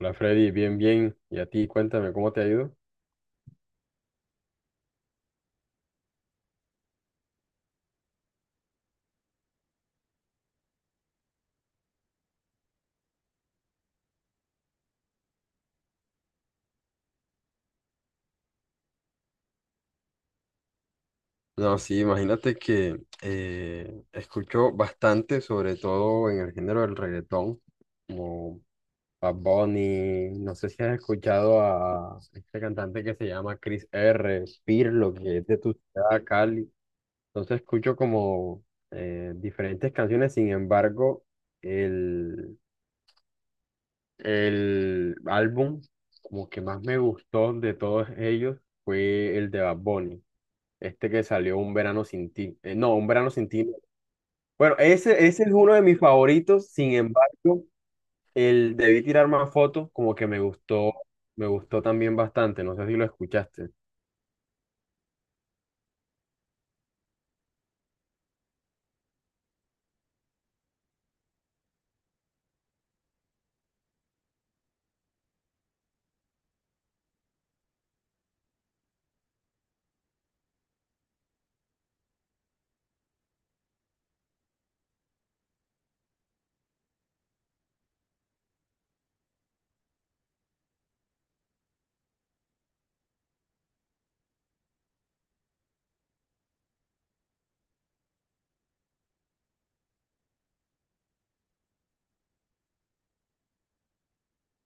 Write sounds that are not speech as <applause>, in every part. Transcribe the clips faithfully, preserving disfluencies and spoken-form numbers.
Hola Freddy, bien, bien. Y a ti, cuéntame, ¿cómo te ha ido? No, sí, imagínate que eh, escucho bastante, sobre todo en el género del reggaetón, como Bad Bunny, no sé si has escuchado a este cantante que se llama Chris R. Pirlo, que es de tu ciudad, Cali. Entonces escucho como eh, diferentes canciones. Sin embargo, el, el álbum como que más me gustó de todos ellos fue el de Bad Bunny. Este que salió Un verano sin ti. Eh, no, Un verano sin ti, no. Bueno, ese, ese es uno de mis favoritos. Sin embargo, el Debí tirar más fotos, como que me gustó, me gustó también bastante. No sé si lo escuchaste.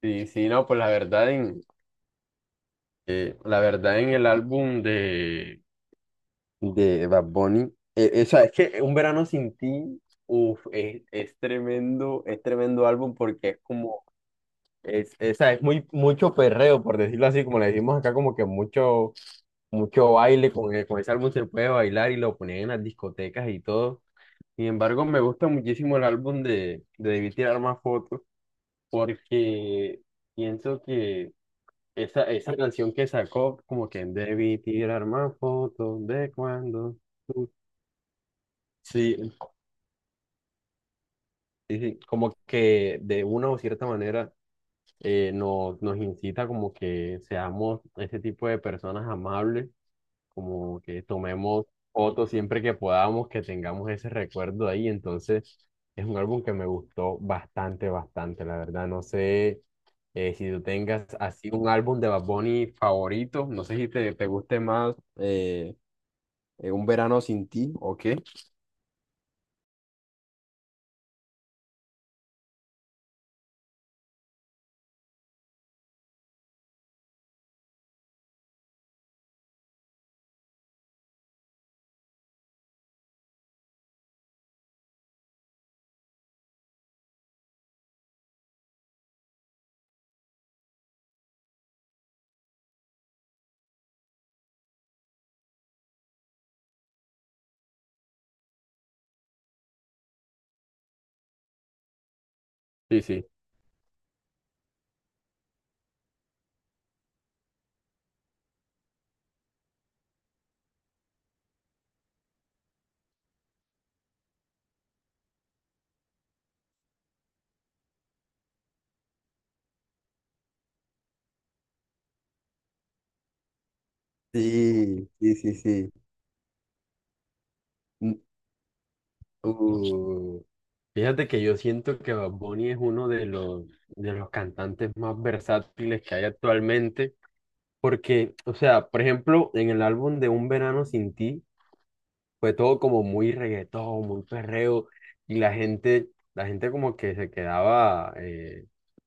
Sí, sí, no, pues la verdad en, eh, la verdad en el álbum de, de Bad Bunny, eh, eh, o sea, es que Un verano sin ti, uf, es, es tremendo, es tremendo álbum porque es como, es, es, o sea, es muy, mucho perreo, por decirlo así, como le decimos acá, como que mucho mucho baile, con, e- con ese álbum se puede bailar y lo ponían en las discotecas y todo. Sin embargo, me gusta muchísimo el álbum de, de Debí tirar más fotos, porque pienso que esa, esa canción que sacó, como que debí tirar más fotos de cuando tú. Sí, sí, sí, como que de una o cierta manera, eh, nos, nos incita como que seamos ese tipo de personas amables, como que tomemos fotos siempre que podamos, que tengamos ese recuerdo ahí. Entonces, es un álbum que me gustó bastante, bastante, la verdad. No sé eh, si tú tengas así un álbum de Bad Bunny favorito, no sé si te, te guste más eh, eh, Un Verano Sin Ti o qué. Sí, sí. Sí, sí, sí, sí. Mm, uh, Fíjate que yo siento que Bad Bunny es uno de los, de los cantantes más versátiles que hay actualmente. Porque, o sea, por ejemplo, en el álbum de Un Verano Sin Ti fue todo como muy reggaetón, muy perreo, y la gente, la gente como que se quedaba eh,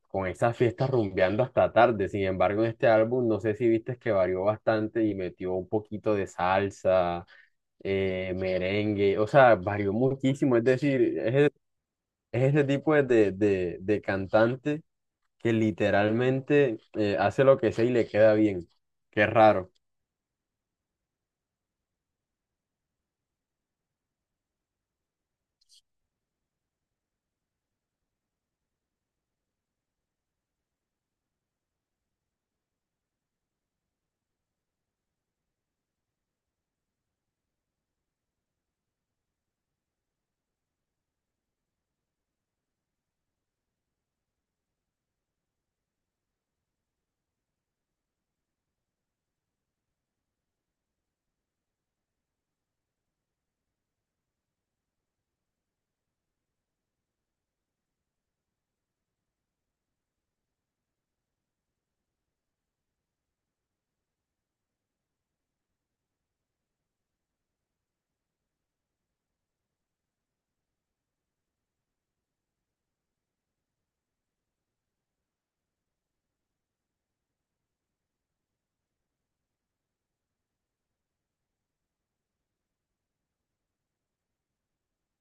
con esas fiestas rumbeando hasta tarde. Sin embargo, en este álbum, no sé si viste que varió bastante y metió un poquito de salsa, eh, merengue, o sea, varió muchísimo. Es decir, es, e- Es ese tipo de de, de- de cantante que literalmente eh, hace lo que sea y le queda bien. Qué raro.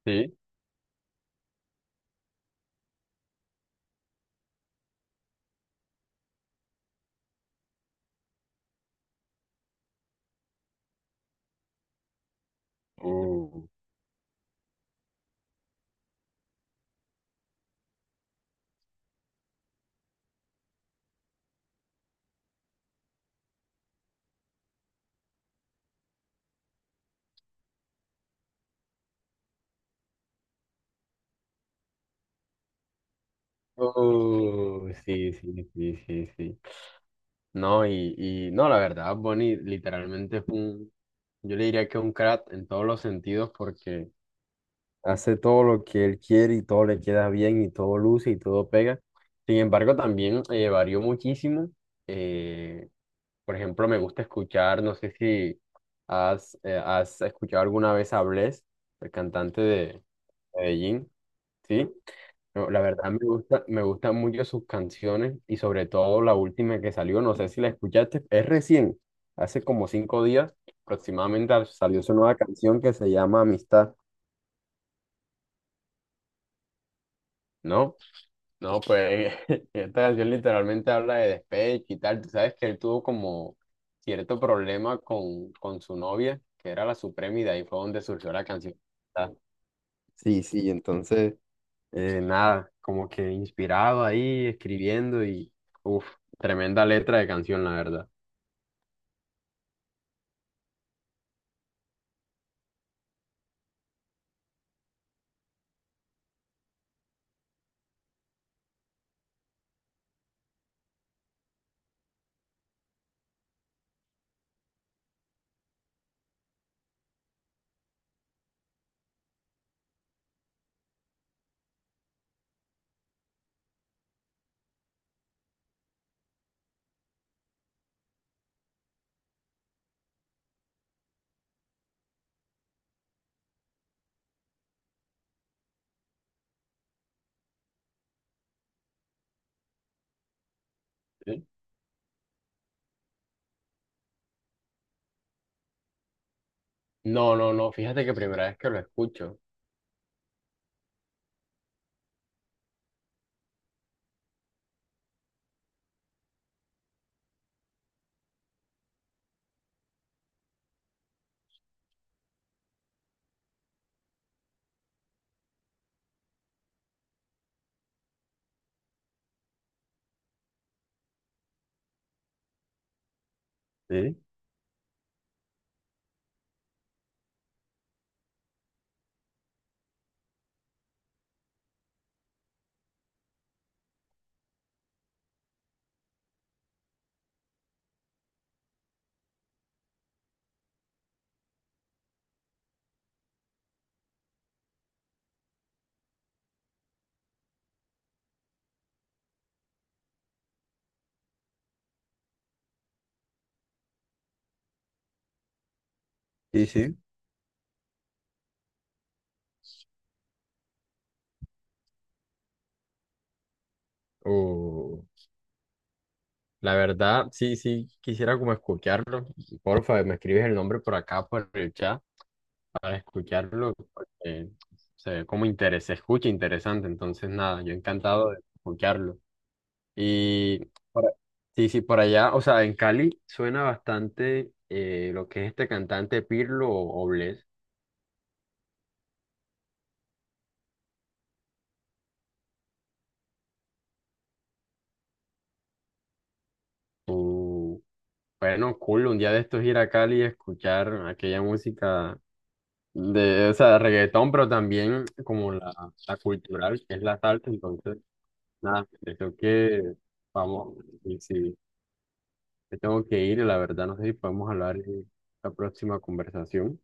Sí. Uh, uh, sí, sí, sí, sí, sí. No, y, y no, la verdad, Bonnie literalmente es un, yo le diría que es un crack en todos los sentidos, porque hace todo lo que él quiere y todo le queda bien y todo luce y todo pega. Sin embargo, también eh, varió muchísimo. Eh, por ejemplo, me gusta escuchar, no sé si has, eh, has escuchado alguna vez a Bless, el cantante de Medellín, ¿sí? No, la verdad me gusta, me gustan mucho sus canciones, y sobre todo la última que salió, no sé si la escuchaste, es recién, hace como cinco días aproximadamente salió su nueva canción que se llama Amistad, ¿no? No, pues <laughs> esta canción literalmente habla de despecho y tal. Tú sabes que él tuvo como cierto problema con, con su novia, que era la Suprema, y de ahí fue donde surgió la canción. ¿Verdad? Sí, sí, entonces eh, nada, como que inspirado ahí, escribiendo y, uff, tremenda letra de canción, la verdad. ¿Sí? No, no, no, fíjate que primera vez que lo escucho. Sí, sí, sí. Uh, la verdad, sí, sí, quisiera como escucharlo. Porfa, me escribes el nombre por acá, por el chat, para escucharlo, porque se ve como interés, se escucha interesante. Entonces nada, yo encantado de escucharlo. Y por- a- sí, sí, por allá, o sea, en Cali suena bastante, eh, lo que es este cantante Pirlo o Bless. Uh, bueno, cool, un día de estos ir a Cali y escuchar aquella música de, o sea, reggaetón, pero también como la, la cultural, que es la salsa. Entonces, nada, creo que vamos, y sí, me tengo que ir, la verdad. No sé si podemos hablar en la próxima conversación.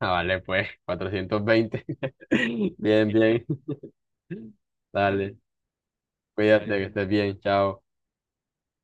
Ah, vale, pues, cuatrocientos veinte. <laughs> Bien, bien. Dale, cuídate, que estés bien, chao.